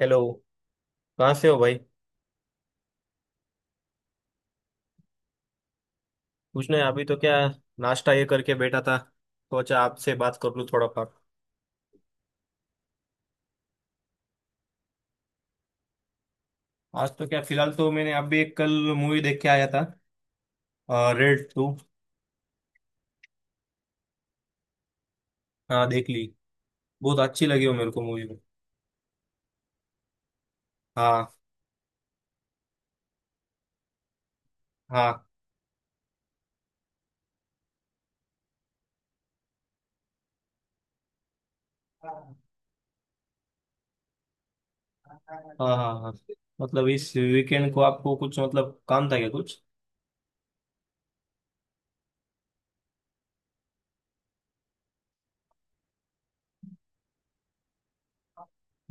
Hello. कहाँ से हो भाई? कुछ नहीं, अभी तो क्या, नाश्ता ये करके बैठा था। सोचा आपसे बात कर लूँ थोड़ा बहुत। आज तो क्या, फिलहाल तो मैंने अभी एक कल मूवी देख के आया था। Red to. हाँ, देख ली। बहुत अच्छी लगी हो मेरे को मूवी। हाँ। हाँ। हाँ। हाँ। हाँ। मतलब इस वीकेंड को आपको कुछ मतलब काम था क्या कुछ?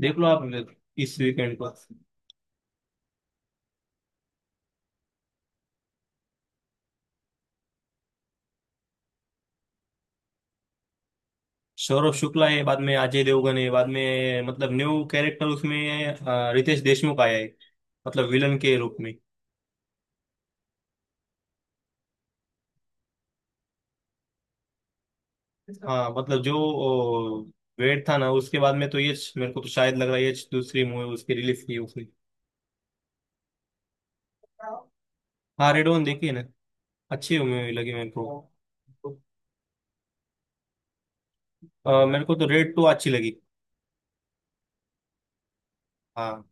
देख लो आप इस वीकेंड को। सौरभ शुक्ला है बाद में, अजय देवगन है बाद में, मतलब न्यू कैरेक्टर उसमें रितेश देशमुख आया है। मतलब विलन के रूप में। हाँ, मतलब जो वेट था ना उसके बाद में, तो ये मेरे को तो शायद लग रहा है ये दूसरी मूवी उसकी रिलीज की उसकी। हाँ, रेड वन देखी है ना। अच्छी मूवी लगी मेरे को। मेरे को तो रेड टू अच्छी लगी। हाँ।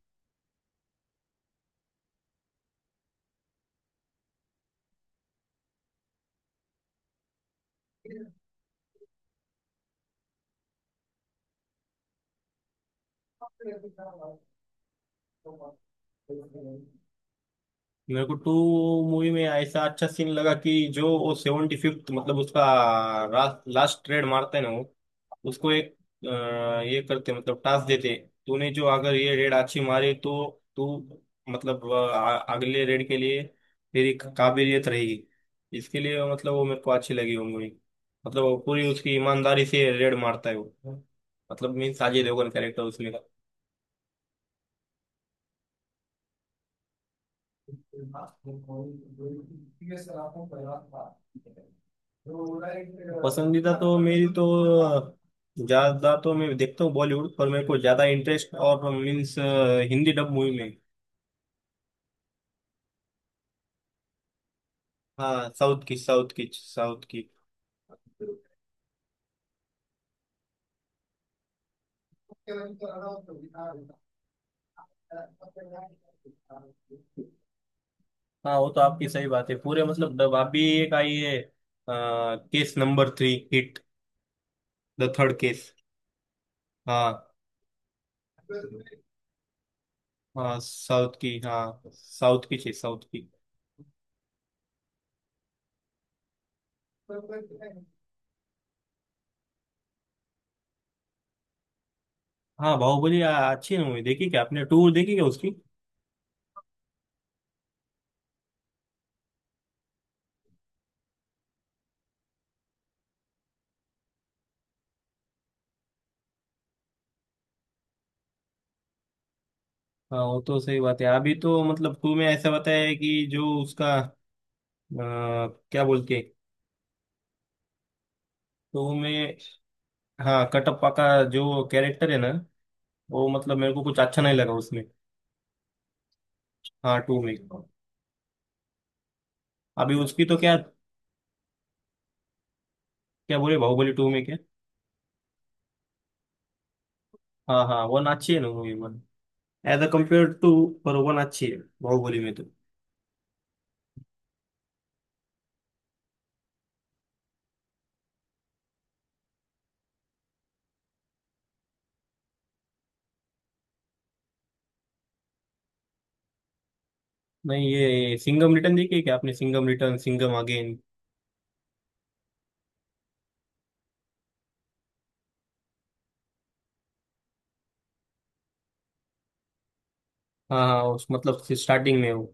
मेरे को टू मूवी में ऐसा अच्छा सीन लगा कि जो वो 75th मतलब उसका लास्ट ट्रेड मारते हैं ना वो, उसको एक ये करते मतलब टास्क देते, तूने जो अगर ये रेड अच्छी मारी तो तू, मतलब अगले रेड के लिए तेरी काबिलियत रहेगी इसके लिए, मतलब वो मेरे को अच्छी लगी वो मूवी। मतलब वो पूरी उसकी ईमानदारी से रेड मारता है वो, मतलब मीन्स अजय देवगन कैरेक्टर उसमें। पसंदीदा तो मेरी तो ज्यादा तो मैं देखता हूँ बॉलीवुड, पर मेरे को ज्यादा इंटरेस्ट और मीन्स हिंदी डब मूवी में। हाँ, साउथ की, साउथ की, साउथ की। हाँ, वो तो आपकी सही बात है। पूरे मतलब डब आप भी एक आई है, case number three, hit the third case. हाँ, हाँ साउथ की, हाँ साउथ की चाहिए साउथ की। हाँ, बाहुबली अच्छी मूवी। देखी क्या आपने टूर? देखी क्या उसकी? हाँ, वो तो सही बात है। अभी तो मतलब टू में ऐसा बताया है कि जो उसका क्या बोलते हैं, तो मैं। हाँ, कटप्पा का जो कैरेक्टर है ना, वो मतलब मेरे को कुछ अच्छा नहीं लगा उसमें। हाँ, टू में। अभी उसकी तो क्या, क्या बोले बाहुबली टू में क्या। हाँ हाँ, वन अच्छी है ना movie, one as a compare to. पर वन अच्छी है बाहुबली में तो। नहीं, ये सिंघम रिटर्न देखी है क्या आपने? Singham return, Singham again. हाँ हाँ, उस मतलब स्टार्टिंग में वो।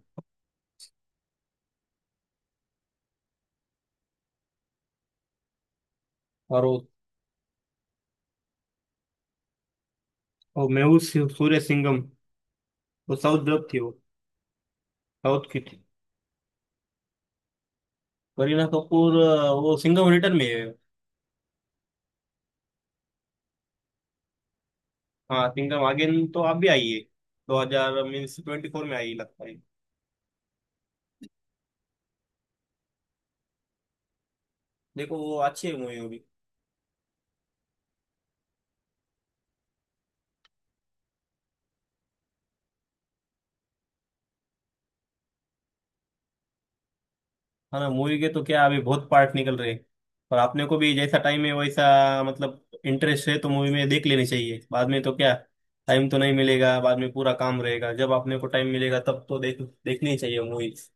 और वो मेहुल सूर्य सिंघम, वो साउथ डब थी वो। साउथ की थी। करीना कपूर, वो सिंघम रिटर्न में है। हाँ, किंगडम अगेन तो आप भी आइए। दो हजार मीन्स ट्वेंटी फोर में आई लगता है। देखो, वो अच्छी है मूवी होगी। है ना, मूवी के तो क्या अभी बहुत पार्ट निकल रहे हैं। और आपने को भी जैसा टाइम है वैसा मतलब इंटरेस्ट है तो मूवी में देख लेनी चाहिए, बाद में तो क्या टाइम तो नहीं मिलेगा। बाद में पूरा काम रहेगा, जब आपने को टाइम मिलेगा तब तो देखनी ही चाहिए मूवीज।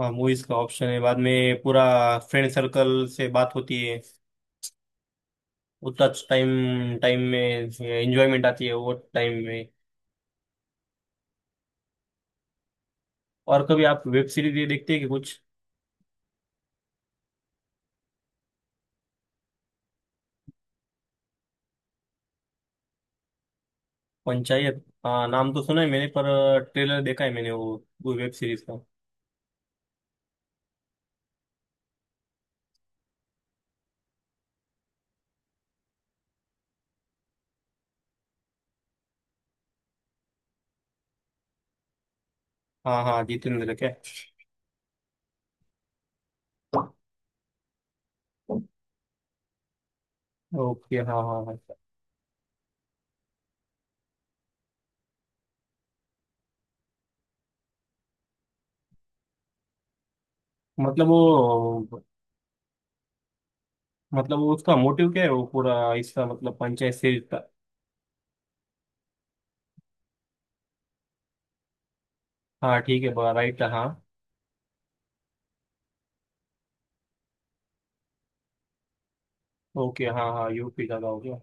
हाँ, मूवीज का ऑप्शन है, बाद में पूरा फ्रेंड सर्कल से बात होती है, उतना टाइम टाइम में एंजॉयमेंट आती है वो टाइम में। और कभी आप वेब सीरीज ये देखते हैं कि कुछ? पंचायत, हाँ नाम तो सुना है मैंने, पर ट्रेलर देखा है मैंने वो वेब सीरीज का। हाँ हाँ, जितेंद्र क्या। ओके हाँ हाँ हाँ। मतलब वो, मतलब वो उसका मोटिव क्या है वो पूरा इसका, मतलब पंचायत सीरीज का। हाँ ठीक है, राइट, हाँ। ओके हाँ हाँ, यूपी का गाँव क्या।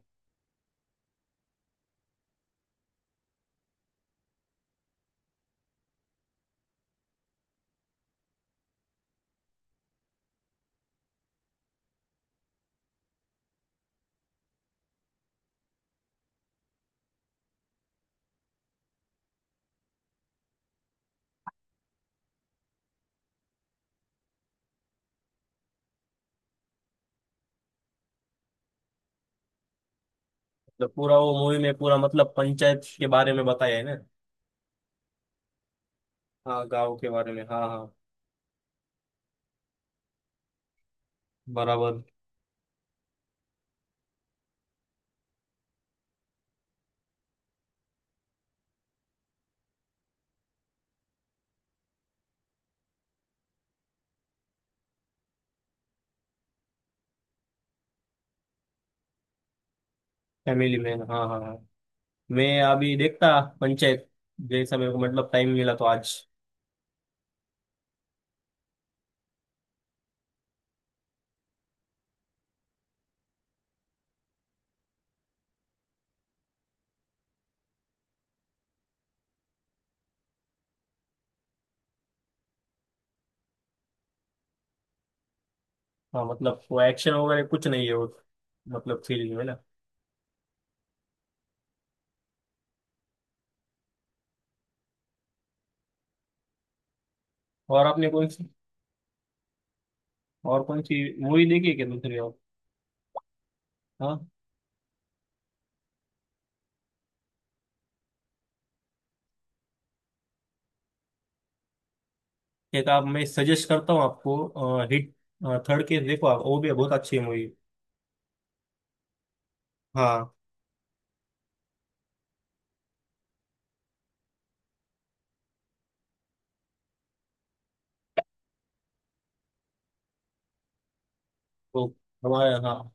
मतलब पूरा वो मूवी में पूरा मतलब पंचायत के बारे में बताया है ना। हाँ, गाँव के बारे में, हाँ हाँ। बराबर। फैमिली मैन, हाँ हाँ हाँ। मैं अभी देखता पंचायत, जैसा मेरे को मतलब टाइम मिला तो आज। हाँ, मतलब वो एक्शन वगैरह कुछ नहीं है वो, मतलब सीरीज में ना। और आपने कौन सी, और कौन सी मूवी देखी है क्या दूसरी और। हाँ, एक आप मैं सजेस्ट करता हूँ आपको हिट थर्ड केस। देखो आप, वो भी बहुत अच्छी मूवी है। हाँ वो, हमारे हाँ।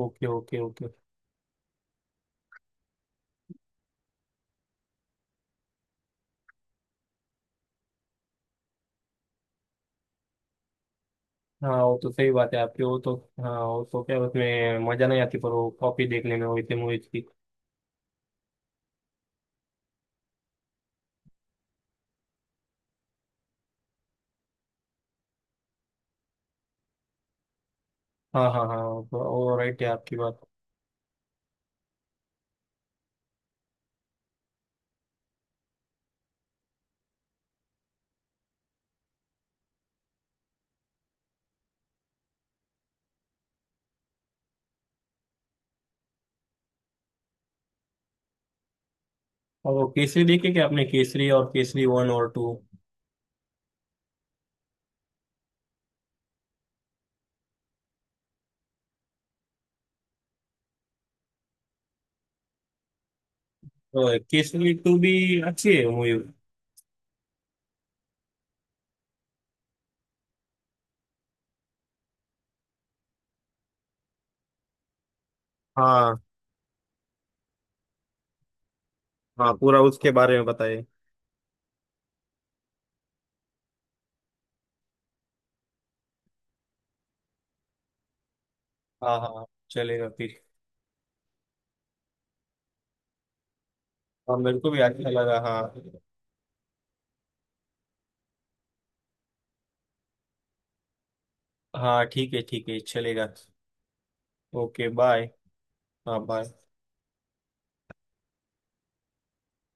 Okay okay okay. हाँ, वो तो सही बात है आपकी वो तो। हाँ, वो तो क्या उसमें मजा नहीं आती पर वो कॉपी देखने में वैसे मूवीज की। हाँ हाँ हाँ, वो राइट है आपकी बात। और वो केसरी देखी क्या आपने, केसरी और केसरी वन और टू? केसरी टू भी अच्छी है मूवी। हाँ। हाँ, पूरा उसके बारे में बताइए। हाँ हाँ, चलेगा फिर। हाँ, मेरे को भी अच्छा लगा, हाँ। हाँ ठीक है चलेगा। Okay bye. हाँ बाय।